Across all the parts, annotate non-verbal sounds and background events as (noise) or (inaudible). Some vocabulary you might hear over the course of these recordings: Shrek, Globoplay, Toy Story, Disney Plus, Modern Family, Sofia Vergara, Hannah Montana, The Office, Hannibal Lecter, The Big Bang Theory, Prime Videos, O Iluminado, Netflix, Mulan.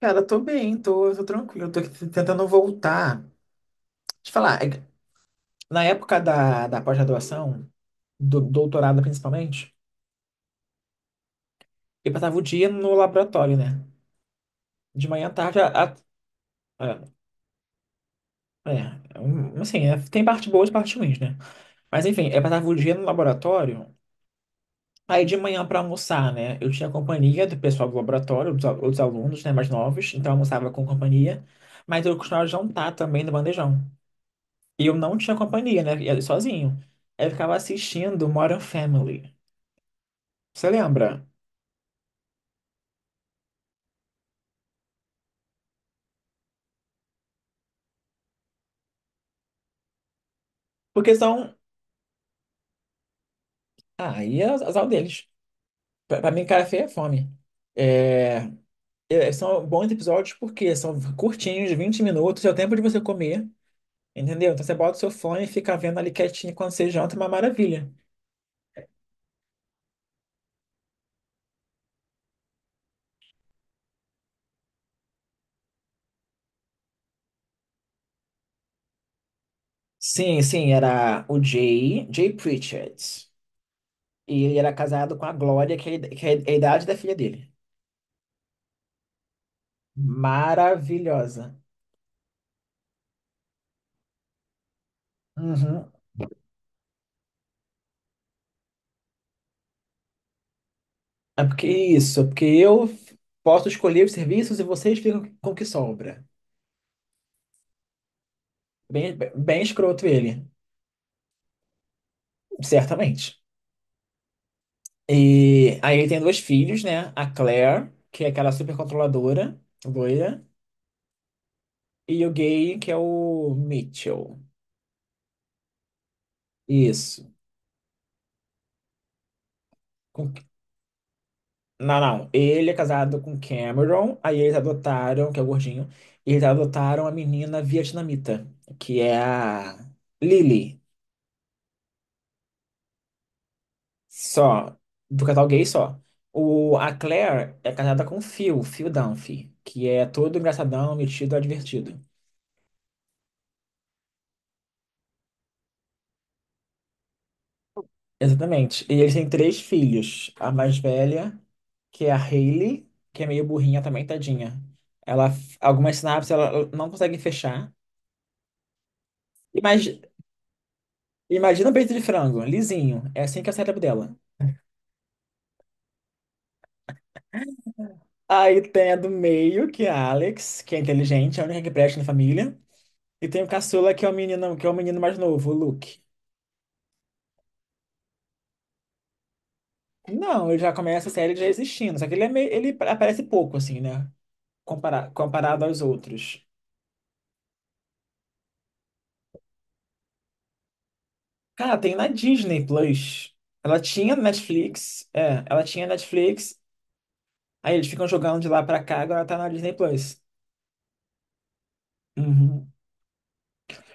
Cara, tô bem, tô tranquilo, tô aqui tentando voltar. Deixa eu te falar, é que na época da pós-graduação, do doutorado principalmente, eu passava o dia no laboratório, né? De manhã à tarde, a- é, tem parte boa e parte ruins, né? Mas enfim, eu passava o dia no laboratório, aí de manhã pra almoçar, né? Eu tinha companhia do pessoal do laboratório, outros alunos, né, mais novos, então eu almoçava com companhia, mas eu costumava jantar também no bandejão. E eu não tinha companhia, né? Ia sozinho. Aí eu ficava assistindo Modern Family. Você lembra? Porque são. Ah, e é azar deles. Pra mim, cara feia é fome. É, São bons episódios porque são curtinhos, 20 minutos, é o tempo de você comer, entendeu? Então você bota o seu fone e fica vendo ali quietinho quando você janta, é uma maravilha. Sim, sim, era o Jay, Jay Pritchett. E ele era casado com a Glória, que é a idade da filha dele. Maravilhosa. Uhum. É porque é isso, é porque eu posso escolher os serviços e vocês ficam com o que sobra. Bem, bem escroto ele, certamente. E aí ele tem dois filhos, né? A Claire, que é aquela super controladora, loira, e o gay, que é o Mitchell. Isso. Com- Não, não. Ele é casado com Cameron, aí eles adotaram, que é o gordinho, eles adotaram a menina vietnamita, que é a Lily. Só. Do casal gay só. A Claire é casada com o Phil, Phil Dunphy, que é todo engraçadão, metido, advertido. Exatamente. E eles têm três filhos. A mais velha, que é a Hailey, que é meio burrinha também, tadinha. Ela, algumas sinapses ela não consegue fechar. Imagina, imagina um peito de frango, lisinho. É assim que é o cérebro dela. Aí tem a do meio, que é a Alex, que é inteligente, é a única que presta na família. E tem o caçula, que é o menino, que é o menino mais novo, o Luke. Não, ele já começa a série já existindo, só que ele, é meio, ele aparece pouco, assim, né? Comparado aos outros. Cara, tem na Disney Plus. Ela tinha Netflix, ela tinha Netflix, aí eles ficam jogando de lá pra cá, agora tá na Disney Plus. Uhum.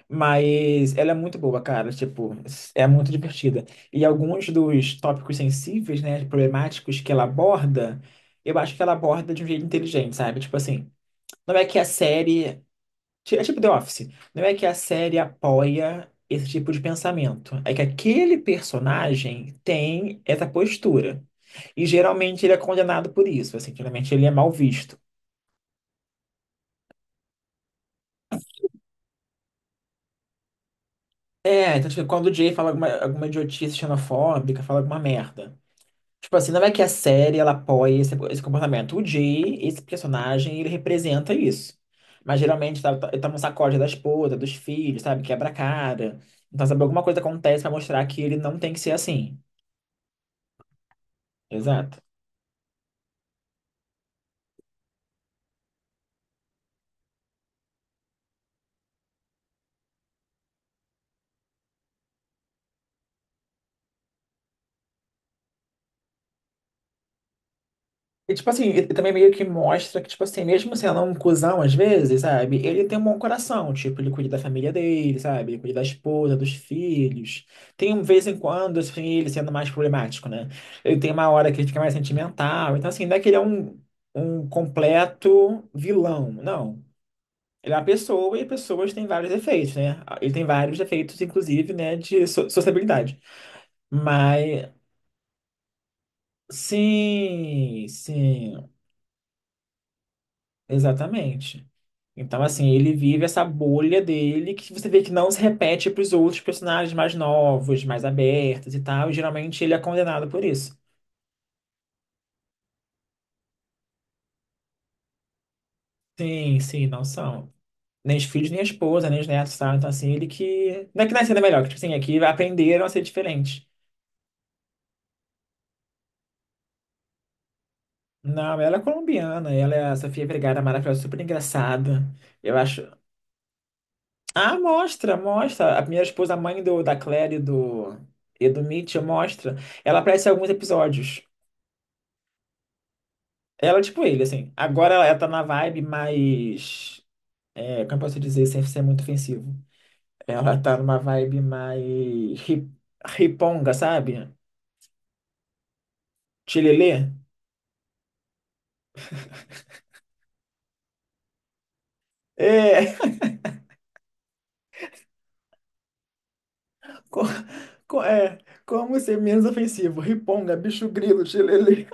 Mas ela é muito boa, cara, tipo, é muito divertida. E alguns dos tópicos sensíveis, né, problemáticos que ela aborda, eu acho que ela aborda de um jeito inteligente, sabe? Tipo assim, não é que a série Ti- É tipo The Office. Não é que a série apoia esse tipo de pensamento. É que aquele personagem tem essa postura. E geralmente ele é condenado por isso. Assim, geralmente ele é mal visto. É, então, tipo, quando o Jay fala alguma idiotice xenofóbica, fala alguma merda. Tipo assim, não é que a série ela apoia esse comportamento. O Jay, esse personagem, ele representa isso. Mas geralmente ele toma um sacode da esposa, dos filhos, sabe? Quebra a cara. Então, sabe, alguma coisa acontece pra mostrar que ele não tem que ser assim. Exato. E, tipo assim, ele também meio que mostra que, tipo assim, mesmo sendo um cuzão às vezes, sabe? Ele tem um bom coração, tipo, ele cuida da família dele, sabe? Ele cuida da esposa, dos filhos. Tem, um vez em quando, assim, ele sendo mais problemático, né? Ele tem uma hora que ele fica mais sentimental. Então, assim, não é que ele é um, um completo vilão, não. Ele é uma pessoa e pessoas têm vários defeitos, né? Ele tem vários defeitos, inclusive, né, de sociabilidade. Mas, sim, sim, exatamente. Então, assim, ele vive essa bolha dele que você vê que não se repete para os outros personagens mais novos, mais abertos e tal. E geralmente ele é condenado por isso. Sim, sim, não são. Nem os filhos, nem a esposa, nem os netos, sabe? Então, assim, ele que. Não é que nasceu melhor, que, tipo assim, É que aprenderam a ser diferente. Não, ela é colombiana, ela é a Sofia Vergara, maravilhosa, super engraçada. Eu acho. Ah, mostra, mostra. A primeira esposa, a mãe da Claire e do Mitchell, mostra. Ela aparece em alguns episódios. Ela é tipo ele, assim. Agora ela tá na vibe mais. É, como eu posso dizer, sem ser muito ofensivo? Ela tá numa vibe mais. Hip Riponga, sabe? Chilelê. É. (laughs) Co, É. Como ser menos ofensivo? Riponga, bicho grilo, chilelê.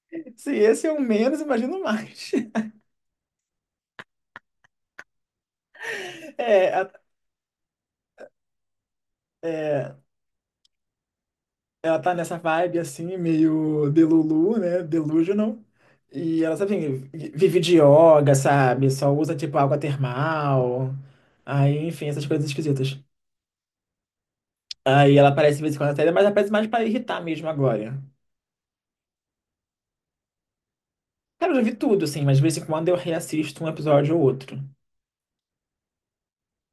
(laughs) Se esse é o menos, imagino mais. (laughs) É, a- é. Ela tá nessa vibe assim, meio delulu, né? Delusional. E ela, sabe, vive de yoga, sabe? Só usa, tipo, água termal. Aí, enfim, essas coisas esquisitas. Aí ela aparece de vez em quando na série, mas aparece mais pra irritar mesmo agora. Cara, eu já vi tudo, assim, mas de vez em quando eu reassisto um episódio ou outro.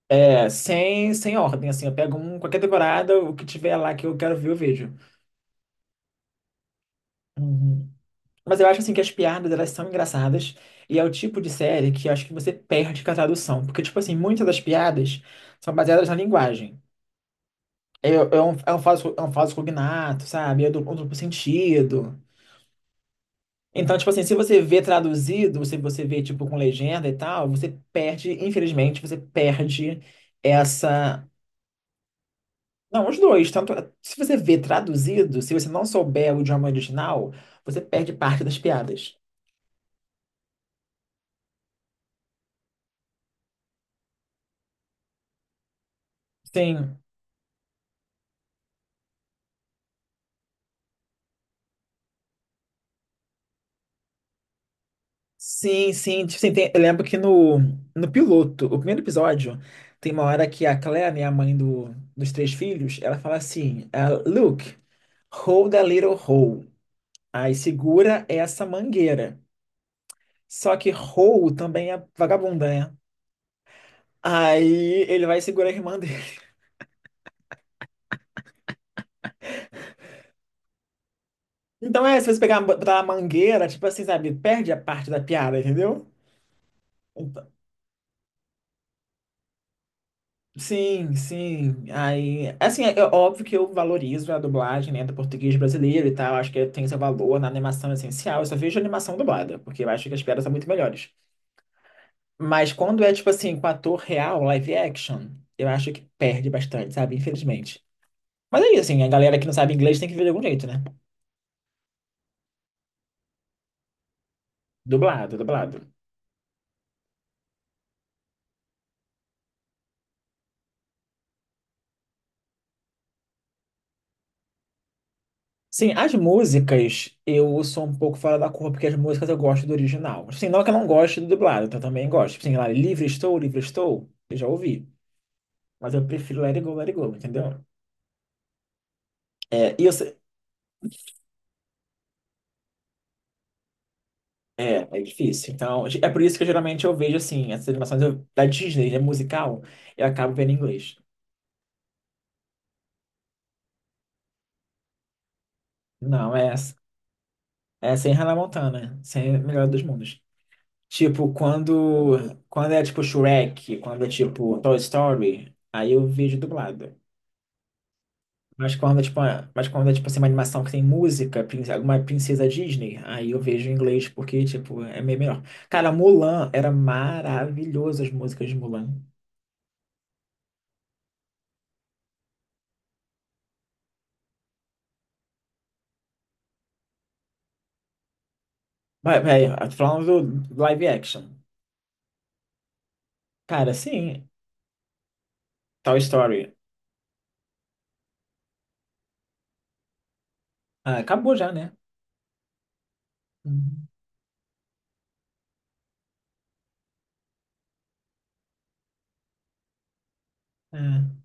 É, sem ordem, assim, eu pego um, qualquer temporada, o que tiver lá que eu quero ver, eu vejo. Uhum. Mas eu acho assim que as piadas elas são engraçadas e é o tipo de série que eu acho que você perde com a tradução, porque tipo assim, muitas das piadas são baseadas na linguagem. É um falso cognato, sabe? É do, um duplo sentido. Então, tipo assim, se você vê traduzido, se você vê tipo com legenda e tal, você perde, infelizmente, você perde essa. Não, os dois, tanto se você vê traduzido, se você não souber o idioma original, você perde parte das piadas. Sim, sim. Tipo, assim, eu lembro que no piloto, o primeiro episódio, tem uma hora que a Claire, né, a mãe dos três filhos, ela fala assim: ah, Luke, hold a little hole. Aí segura essa mangueira. Só que hole também é vagabunda, né? Aí ele vai segurar a irmã dele. Então é, se você pegar botar a mangueira, tipo assim, sabe, perde a parte da piada, entendeu? Então, Sim, sim. Aí, assim, é é óbvio que eu valorizo a dublagem, né, do português brasileiro e tal. Acho que tem seu valor na animação essencial. Eu só vejo animação dublada, porque eu acho que as piadas são muito melhores. Mas quando é, tipo assim, com ator real, live action, eu acho que perde bastante, sabe? Infelizmente. Mas aí, assim, a galera que não sabe inglês tem que ver de algum jeito, né? Dublado. Sim, as músicas eu sou um pouco fora da curva, porque as músicas eu gosto do original. Assim, não que eu não goste do dublado, então eu também gosto. Assim, lá, Livre Estou, Livre Estou, eu já ouvi. Mas eu prefiro Let It Go, Let It Go, entendeu? É, e eu, sei- é difícil. Então, é por isso que eu, geralmente eu vejo assim, da Disney, né, musical, eu acabo vendo em inglês. Não, é, é sem Hannah Montana, sem Melhor dos Mundos. Tipo, quando é tipo Shrek, quando é tipo Toy Story, aí eu vejo dublado. Mas quando é, tipo, assim, uma animação que tem música, alguma princesa Disney, aí eu vejo em inglês, porque, tipo, é meio melhor. Cara, Mulan era maravilhoso as músicas de Mulan. Vai velho, eu tô falando do live action. Cara, sim, Toy Story. Ah, acabou já, né? Uhum. É.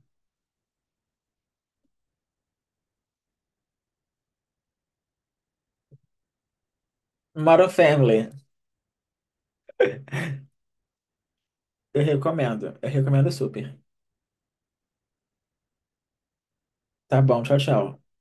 Modern Family. (laughs) Eu recomendo. Eu recomendo super. Tá bom, tchau, tchau.